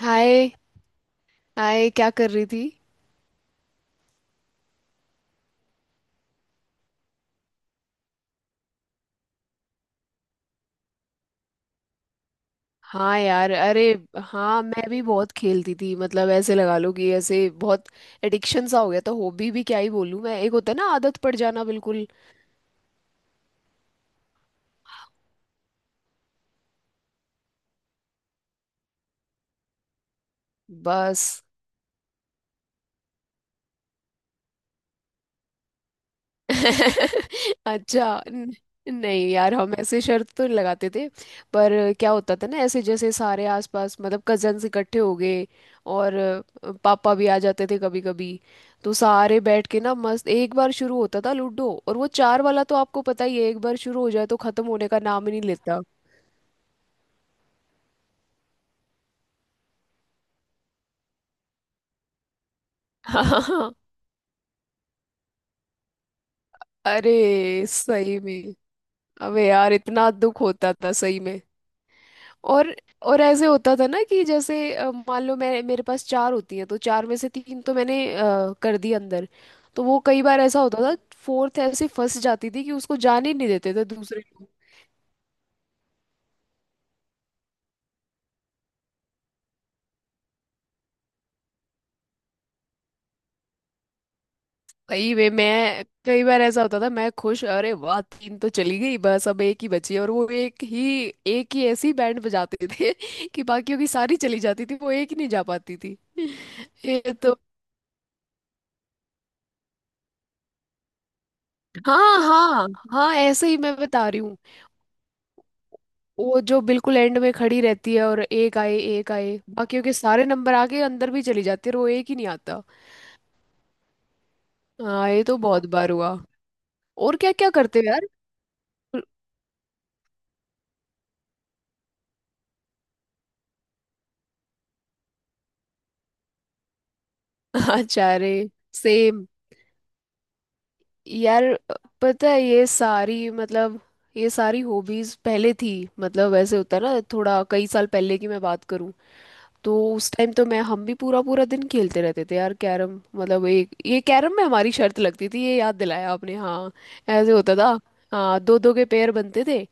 हाय। Hi, क्या कर रही थी? हाँ यार। अरे। हाँ, मैं भी बहुत खेलती थी। मतलब ऐसे लगा लो कि ऐसे बहुत एडिक्शन सा हो गया। तो हॉबी भी क्या ही बोलूँ मैं, एक होता है ना आदत पड़ जाना, बिल्कुल। बस। अच्छा। नहीं यार, हम ऐसे शर्त तो नहीं लगाते थे। पर क्या होता था ना, ऐसे जैसे सारे आसपास मतलब कजन्स इकट्ठे हो गए। और पापा भी आ जाते थे कभी कभी। तो सारे बैठ के ना मस्त एक बार शुरू होता था लूडो, और वो चार वाला तो आपको पता ही है, एक बार शुरू हो जाए तो खत्म होने का नाम ही नहीं लेता। हाँ। अरे, सही में। अबे यार, इतना दुख होता था सही में। और और ऐसे होता था ना कि जैसे मान लो मैं, मेरे पास चार होती हैं, तो चार में से तीन तो मैंने कर दी अंदर। तो वो कई बार ऐसा होता था। फोर्थ ऐसे फंस जाती थी कि उसको जाने ही नहीं देते थे दूसरे लोग। सही में, मैं कई बार ऐसा होता था, मैं खुश, अरे वाह तीन तो चली गई, बस अब एक ही बची है। और वो एक ही, एक ही ऐसी बैंड बजाते थे कि बाकियों की सारी चली जाती थी, वो एक ही नहीं जा पाती थी। ये तो। हाँ हाँ हाँ, ऐसे ही मैं बता रही हूँ। वो जो बिल्कुल एंड में खड़ी रहती है, और एक आए बाकियों के सारे नंबर आके अंदर भी चली जाती है, और वो एक ही नहीं आता। हाँ, ये तो बहुत बार हुआ। और क्या क्या करते हो यार? अच्छा। अरे सेम यार। पता है ये सारी, मतलब ये सारी हॉबीज पहले थी। मतलब ऐसे होता है ना, थोड़ा कई साल पहले की मैं बात करूं। तो उस टाइम तो मैं, हम भी पूरा पूरा दिन खेलते रहते थे यार कैरम। मतलब एक ये कैरम में हमारी शर्त लगती थी, ये याद दिलाया आपने। हाँ। ऐसे होता था। हाँ, दो दो के पेयर बनते थे।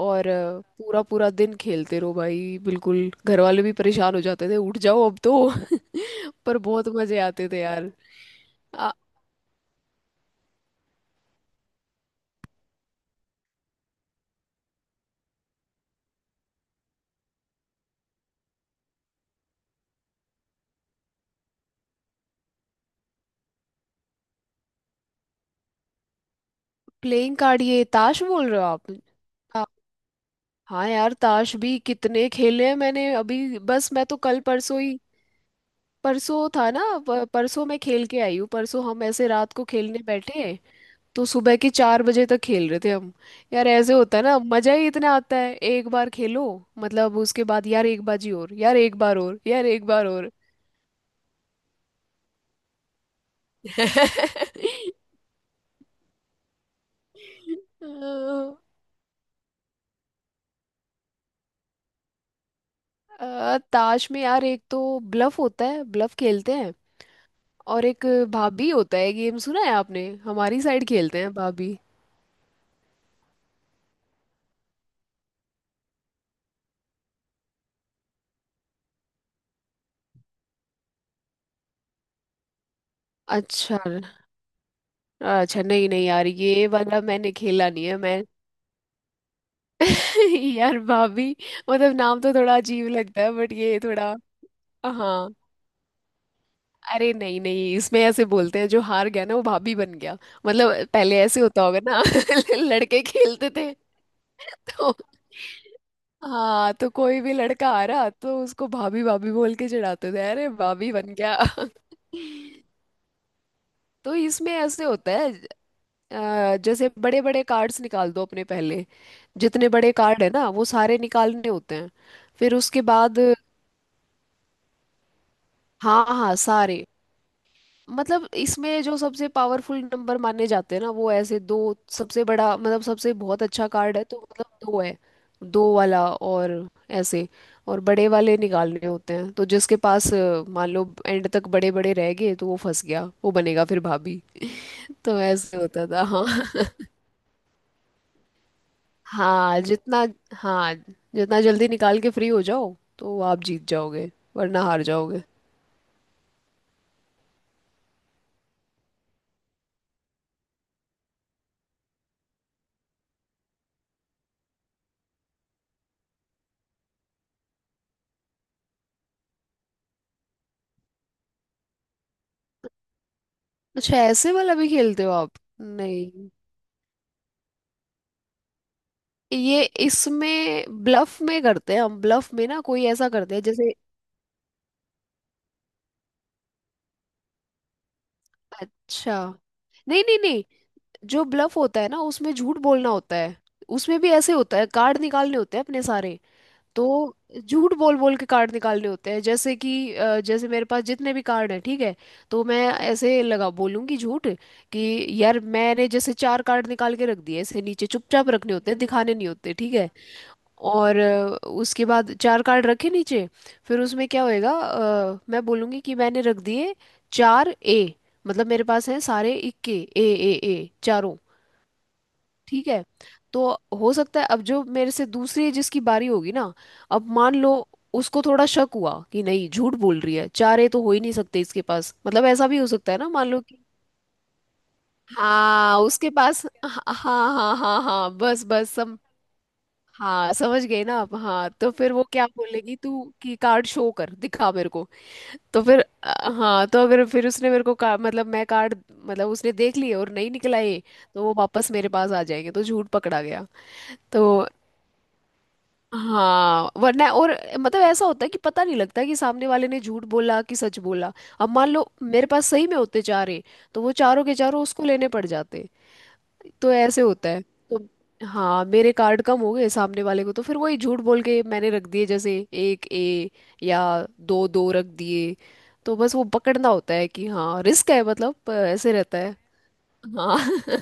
और पूरा पूरा दिन खेलते रहो भाई, बिल्कुल घर वाले भी परेशान हो जाते थे, उठ जाओ अब तो। पर बहुत मजे आते थे यार। Playing card? ये ताश बोल रहे हो आप? आ, हाँ यार, ताश भी कितने खेले हैं मैंने। अभी बस मैं तो कल परसों ही। परसों था ना, परसों मैं खेल के आई हूँ। परसों हम ऐसे रात को खेलने बैठे। तो सुबह के 4 बजे तक खेल रहे थे हम। यार ऐसे होता है ना, मजा ही इतना आता है एक बार खेलो। मतलब उसके बाद यार एक बाजी और, यार एक बार और, यार एक बार और। ताश में यार, एक तो ब्लफ होता है, ब्लफ खेलते हैं। और एक भाभी होता है गेम, सुना है आपने? हमारी साइड खेलते हैं भाभी। अच्छा अच्छा। नहीं नहीं यार, ये वाला मैंने खेला नहीं है मैं। यार भाभी, मतलब नाम तो थोड़ा अजीब लगता है, बट ये थोड़ा। हाँ। अरे नहीं नहीं, इसमें ऐसे बोलते हैं, जो हार गया ना वो भाभी बन गया। मतलब पहले ऐसे होता होगा ना। लड़के खेलते थे तो। हाँ, तो कोई भी लड़का आ रहा तो उसको भाभी भाभी बोल के चिढ़ाते थे, अरे भाभी बन गया। तो इसमें ऐसे होता है, जैसे बड़े बड़े कार्ड्स निकाल दो अपने पहले। जितने बड़े कार्ड है ना, वो सारे निकालने होते हैं, फिर उसके बाद। हाँ हाँ, सारे। मतलब इसमें जो सबसे पावरफुल नंबर माने जाते हैं ना, वो ऐसे दो। सबसे बड़ा मतलब सबसे बहुत अच्छा कार्ड है तो मतलब दो है। दो वाला और ऐसे, और बड़े वाले निकालने होते हैं, तो जिसके पास मान लो एंड तक बड़े बड़े रह गए, तो वो फंस गया, वो बनेगा फिर भाभी। तो ऐसे होता था हाँ। हाँ जितना हाँ, जितना जल्दी निकाल के फ्री हो जाओ तो आप जीत जाओगे, वरना हार जाओगे। अच्छा, ऐसे वाला भी खेलते हो आप? नहीं। ये इसमें ब्लफ में करते हैं हम, ब्लफ में ना कोई ऐसा करते हैं जैसे। अच्छा। नहीं नहीं नहीं, जो ब्लफ होता है ना, उसमें झूठ बोलना होता है। उसमें भी ऐसे होता है, कार्ड निकालने होते हैं अपने सारे। तो झूठ बोल बोल के कार्ड निकालने होते हैं, जैसे कि जैसे मेरे पास जितने भी कार्ड हैं, ठीक है। तो मैं ऐसे लगा बोलूंगी झूठ, कि यार मैंने जैसे चार कार्ड निकाल के रख दिए, ऐसे नीचे चुपचाप रखने होते हैं, दिखाने नहीं होते, ठीक है। और उसके बाद चार कार्ड रखे नीचे। फिर उसमें क्या होएगा, मैं बोलूँगी कि मैंने रख दिए चार ए। मतलब मेरे पास हैं सारे इक्के, ए ए ए चारों, ठीक है। तो हो सकता है, अब जो मेरे से दूसरी जिसकी बारी होगी ना, अब मान लो उसको थोड़ा शक हुआ कि नहीं झूठ बोल रही है, चार ए तो हो ही नहीं सकते इसके पास, मतलब ऐसा भी हो सकता है ना, मान लो कि। हाँ, उसके पास। हाँ हाँ हाँ हाँ हाँ, बस बस समझ। हाँ समझ गई ना आप। हाँ तो फिर वो क्या बोलेगी तू कि कार्ड शो कर दिखा मेरे को। तो फिर हाँ, तो अगर फिर उसने मेरे को मतलब मैं कार्ड, मतलब उसने देख लिए और नहीं निकला ये, तो वो वापस मेरे पास आ जाएंगे, तो झूठ पकड़ा गया। तो हाँ, वरना और, मतलब ऐसा होता है कि पता नहीं लगता कि सामने वाले ने झूठ बोला कि सच बोला। अब मान लो मेरे पास सही में होते चार है, तो वो चारों के चारों उसको लेने पड़ जाते। तो ऐसे होता है तो, हाँ मेरे कार्ड कम हो गए सामने वाले को, तो फिर वही झूठ बोल के मैंने रख दिए, जैसे एक ए, या दो दो रख दिए। तो बस वो पकड़ना होता है, कि हाँ रिस्क है मतलब, पर ऐसे रहता है। हाँ।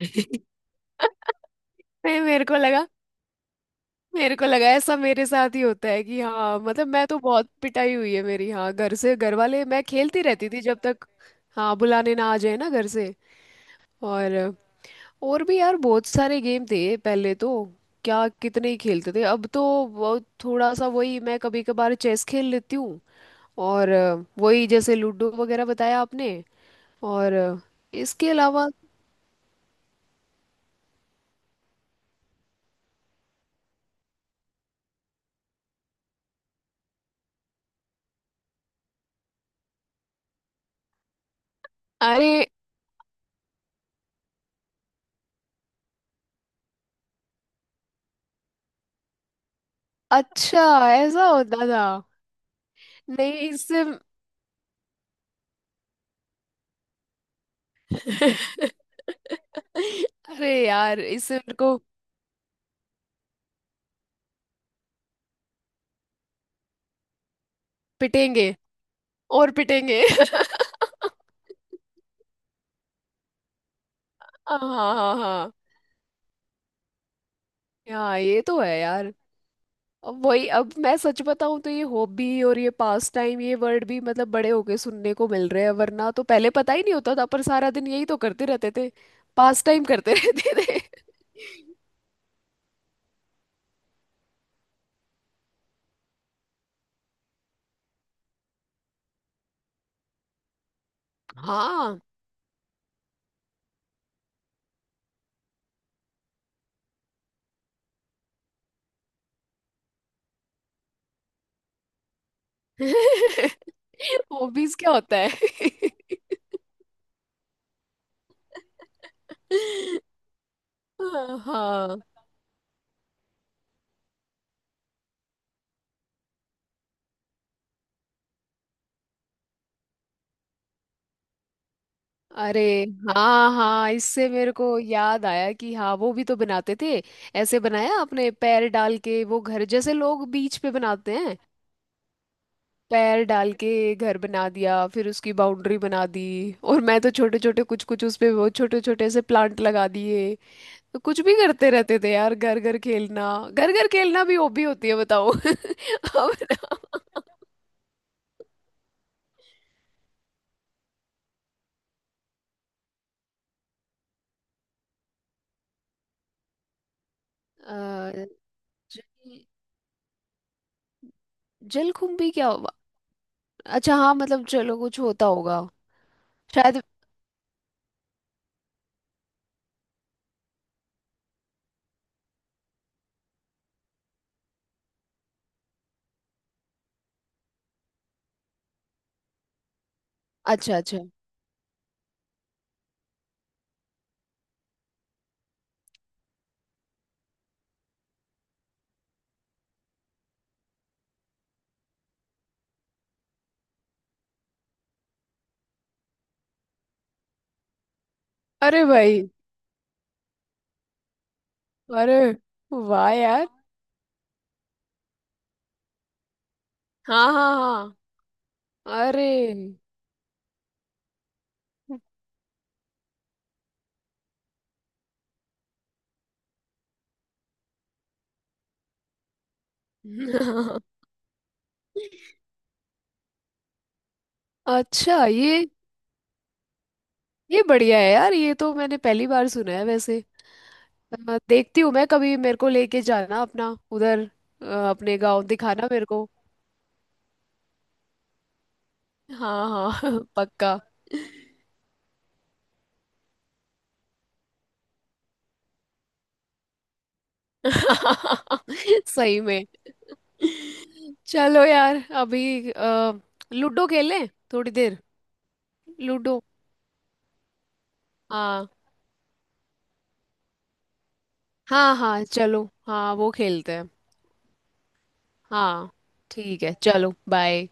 नहीं, मेरे को लगा ऐसा मेरे साथ ही होता है कि हाँ, मतलब मैं तो बहुत पिटाई हुई है मेरी, हाँ घर से, घर वाले, मैं खेलती रहती थी जब तक हाँ बुलाने ना आ जाए ना घर से। और और भी यार बहुत सारे गेम थे पहले तो, क्या कितने ही खेलते थे। अब तो वो थोड़ा सा वही, मैं कभी कभार चेस खेल लेती हूँ, और वही जैसे लूडो वगैरह बताया आपने। और इसके अलावा। अरे, अच्छा ऐसा होता था? नहीं, इससे। अरे यार, इससे मेरे को पिटेंगे, और पिटेंगे। हाँ हाँ हाँ हाँ। ये तो है यार। अब वही, अब मैं सच बताऊं तो, ये हॉबी और ये पास टाइम, ये वर्ड भी मतलब बड़े होके सुनने को मिल रहे हैं, वरना तो पहले पता ही नहीं होता था, पर सारा दिन यही तो करते रहते थे। पास टाइम करते रहते थे। हाँ। हॉबीज क्या होता है? हाँ। अरे हाँ हाँ, इससे मेरे को याद आया कि हाँ वो भी तो बनाते थे। ऐसे बनाया आपने पैर डाल के, वो घर जैसे लोग बीच पे बनाते हैं। पैर डाल के घर बना दिया, फिर उसकी बाउंड्री बना दी। और मैं तो छोटे छोटे कुछ कुछ उसपे, वो छोटे छोटे से प्लांट लगा दिए। तो कुछ भी करते रहते थे यार, घर घर खेलना। घर घर खेलना भी हॉबी होती है बताओ। अब अ, जल जलकुंभी क्या हुआ? अच्छा हाँ, मतलब चलो कुछ होता होगा शायद। अच्छा अच्छा। अरे भाई। अरे वाह यार। हाँ हाँ हाँ। अरे। अच्छा, ये बढ़िया है यार, ये तो मैंने पहली बार सुना है वैसे। देखती हूँ मैं कभी, मेरे को लेके जाना अपना उधर, अपने गांव दिखाना मेरे को। हाँ हाँ। पक्का। सही में। चलो यार, अभी लूडो खेलें थोड़ी देर। लूडो। हाँ हाँ हाँ चलो, हाँ वो खेलते हैं। हाँ ठीक है, चलो बाय।